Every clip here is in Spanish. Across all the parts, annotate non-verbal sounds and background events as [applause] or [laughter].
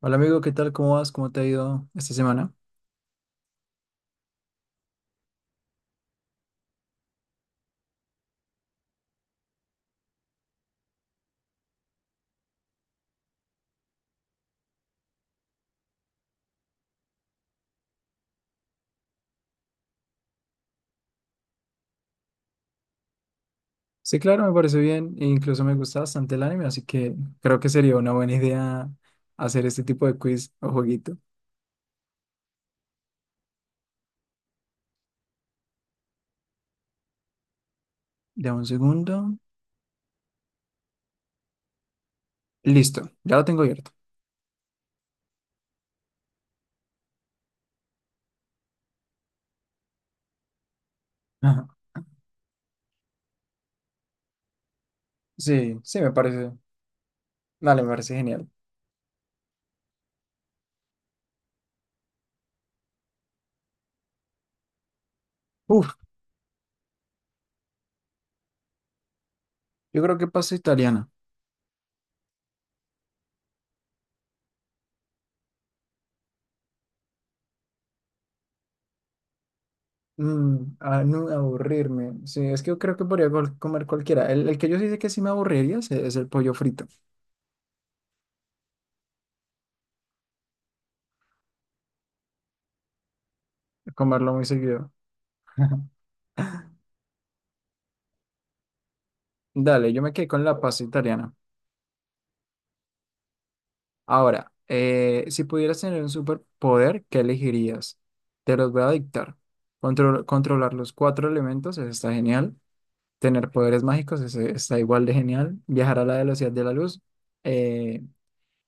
Hola amigo, ¿qué tal? ¿Cómo vas? ¿Cómo te ha ido esta semana? Sí, claro, me parece bien e incluso me gusta bastante el anime, así que creo que sería una buena idea hacer este tipo de quiz o jueguito. Dame un segundo. Listo, ya lo tengo abierto. Ajá. Sí, sí, me parece. Dale, me parece genial. Uf, yo creo que paso italiana. Mm, a no aburrirme. Sí, es que yo creo que podría comer cualquiera. El que yo sí sé que sí me aburriría es el pollo frito, comerlo muy seguido. [laughs] Dale, yo me quedé con la pasta italiana. Ahora, si pudieras tener un superpoder, ¿qué elegirías? Te los voy a dictar. Controlar los cuatro elementos, eso está genial. Tener poderes mágicos, eso está igual de genial. Viajar a la velocidad de la luz, eh,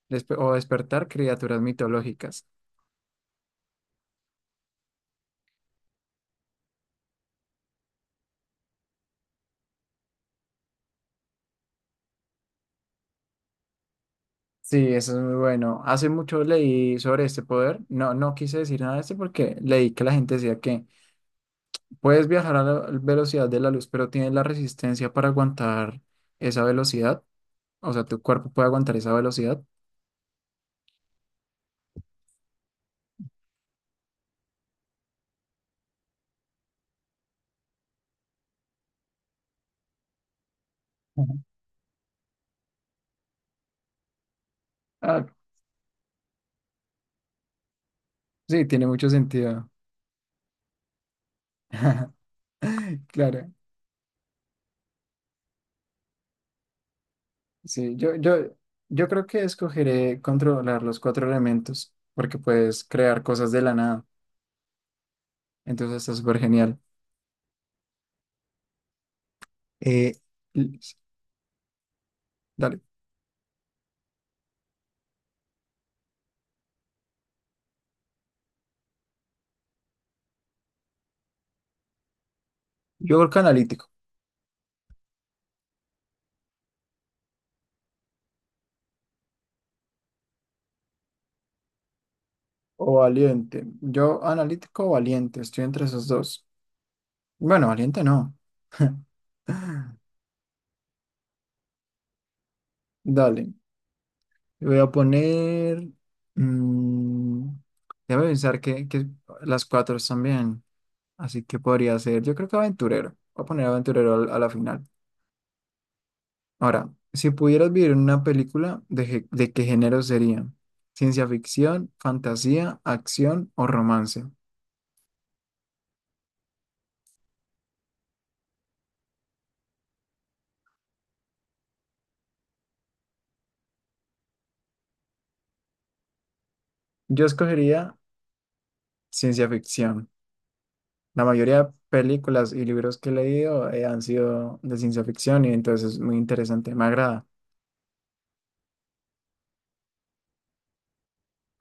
o despertar criaturas mitológicas. Sí, eso es muy bueno. Hace mucho leí sobre este poder. No, no quise decir nada de este porque leí que la gente decía que puedes viajar a la velocidad de la luz, pero tienes la resistencia para aguantar esa velocidad. O sea, tu cuerpo puede aguantar esa velocidad. Ujú. Ah, sí, tiene mucho sentido. [laughs] Claro, sí, yo creo que escogeré controlar los cuatro elementos, porque puedes crear cosas de la nada, entonces está súper genial. Eh, l- Dale, yo creo que analítico o valiente, yo analítico o valiente, estoy entre esos dos. Bueno, valiente no. [laughs] Dale, voy a poner, mm, déjame pensar que las cuatro están bien. Así que podría ser, yo creo que aventurero. Voy a poner aventurero a la final. Ahora, si pudieras vivir en una película, ¿de qué género sería? ¿Ciencia ficción, fantasía, acción o romance? Yo escogería ciencia ficción. La mayoría de películas y libros que he leído han sido de ciencia ficción y entonces es muy interesante, me agrada.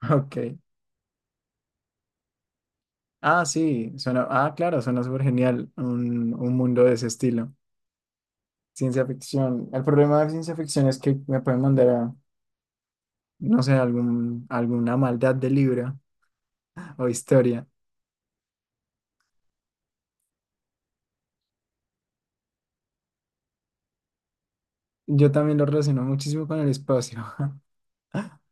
[laughs] Ok. Ah, sí, suena, ah, claro, suena súper genial un mundo de ese estilo. Ciencia ficción. El problema de ciencia ficción es que me pueden mandar a no sé, alguna maldad de libro [laughs] o historia. Yo también lo relaciono muchísimo con el espacio. [laughs]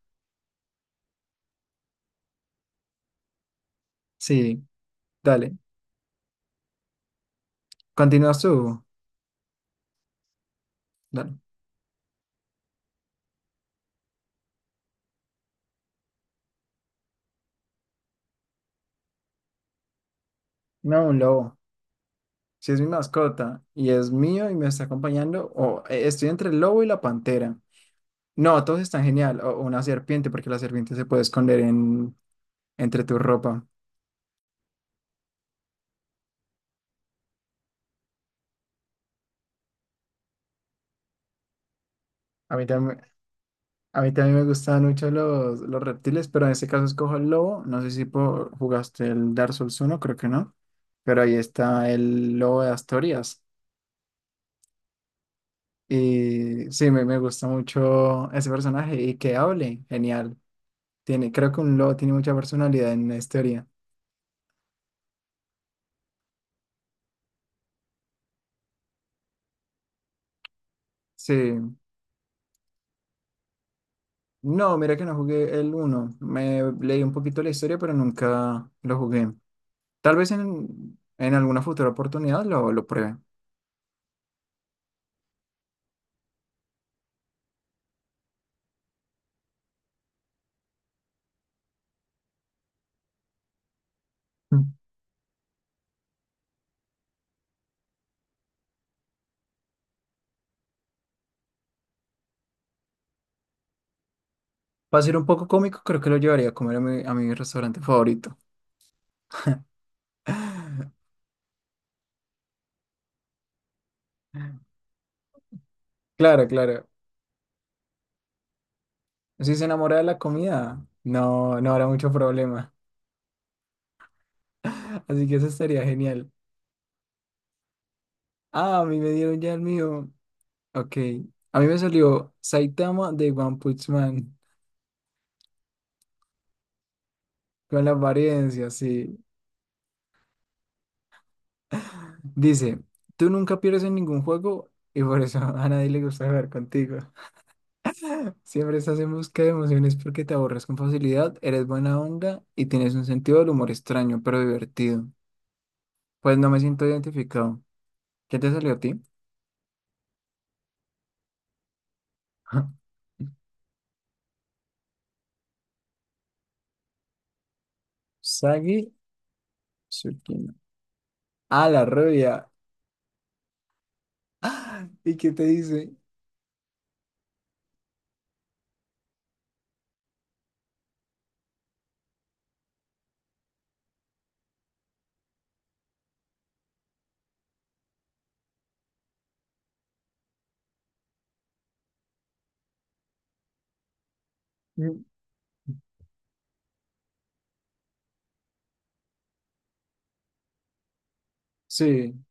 Sí, dale. Continúas tú. Dale. No, un lobo. Si es mi mascota y es mío y me está acompañando, o estoy entre el lobo y la pantera. No, todos están genial. O una serpiente, porque la serpiente se puede esconder en, entre tu ropa. A mí también, a mí también me gustaban mucho los reptiles, pero en este caso escojo el lobo. No sé si jugaste el Dark Souls 1, creo que no. Pero ahí está el lobo de Asturias. Y sí, me gusta mucho ese personaje y que hable, genial. Tiene, creo que un lobo tiene mucha personalidad en la historia. Sí. No, mira que no jugué el uno. Me leí un poquito la historia, pero nunca lo jugué. Tal vez en alguna futura oportunidad lo pruebe. [laughs] Para ser un poco cómico, creo que lo llevaría a comer a mi restaurante favorito. [laughs] Claro, claro. Si se enamora de la comida, no, no habrá mucho problema. [laughs] Así que eso estaría genial. Ah, a mí me dieron ya el mío. Ok. A mí me salió Saitama de One Punch Man. [laughs] Con la apariencia, sí. Dice, tú nunca pierdes en ningún juego y por eso [laughs] a nadie le gusta jugar contigo. [laughs] Siempre estás en busca de emociones porque te aborras con facilidad, eres buena onda y tienes un sentido del humor extraño pero divertido. Pues no me siento identificado. ¿Qué te salió a ti? [laughs] Sagi Tsukino. Ah, la rubia. ¡Ah! ¿Y qué te dice? Mm, sí,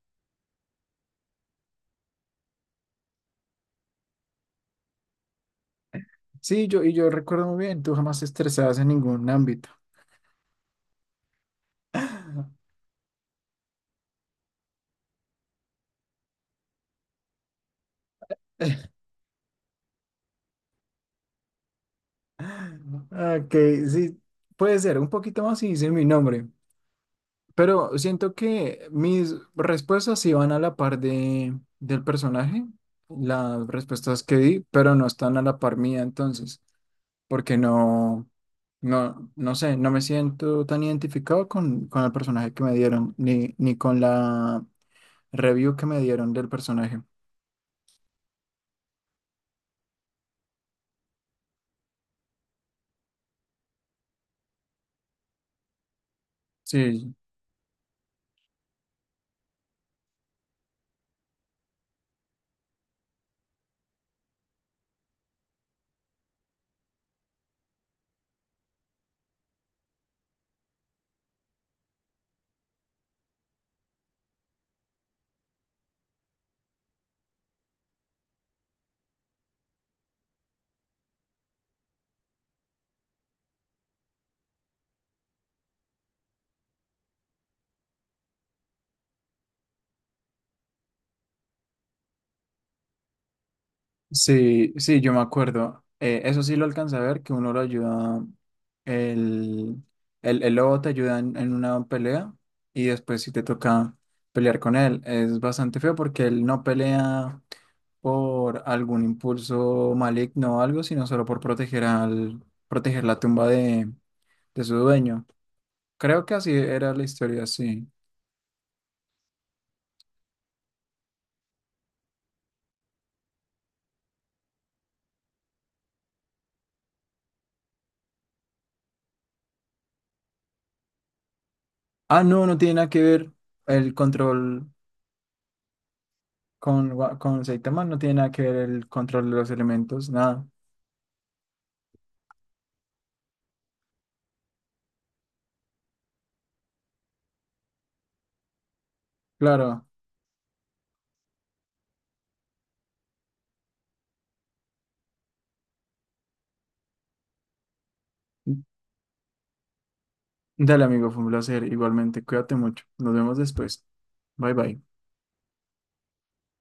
sí, yo, y yo recuerdo muy bien, tú jamás te estresabas en ningún ámbito. [laughs] Ok, sí, puede ser, un poquito más si dice mi nombre, pero siento que mis respuestas sí van a la par del personaje, las respuestas que di, pero no están a la par mía entonces. Porque no sé, no me siento tan identificado con el personaje que me dieron, ni con la review que me dieron del personaje. Sí, sí, yo me acuerdo. Eso sí lo alcancé a ver, que uno lo ayuda, el, el lobo te ayuda en una pelea y después si te toca pelear con él. Es bastante feo porque él no pelea por algún impulso maligno o algo, sino solo por proteger al, proteger la tumba de su dueño. Creo que así era la historia, sí. Ah, no, no tiene nada que ver el control con Saitama, no tiene nada que ver el control de los elementos, nada. Claro. Dale, amigo, fue un placer. Igualmente, cuídate mucho. Nos vemos después. Bye bye.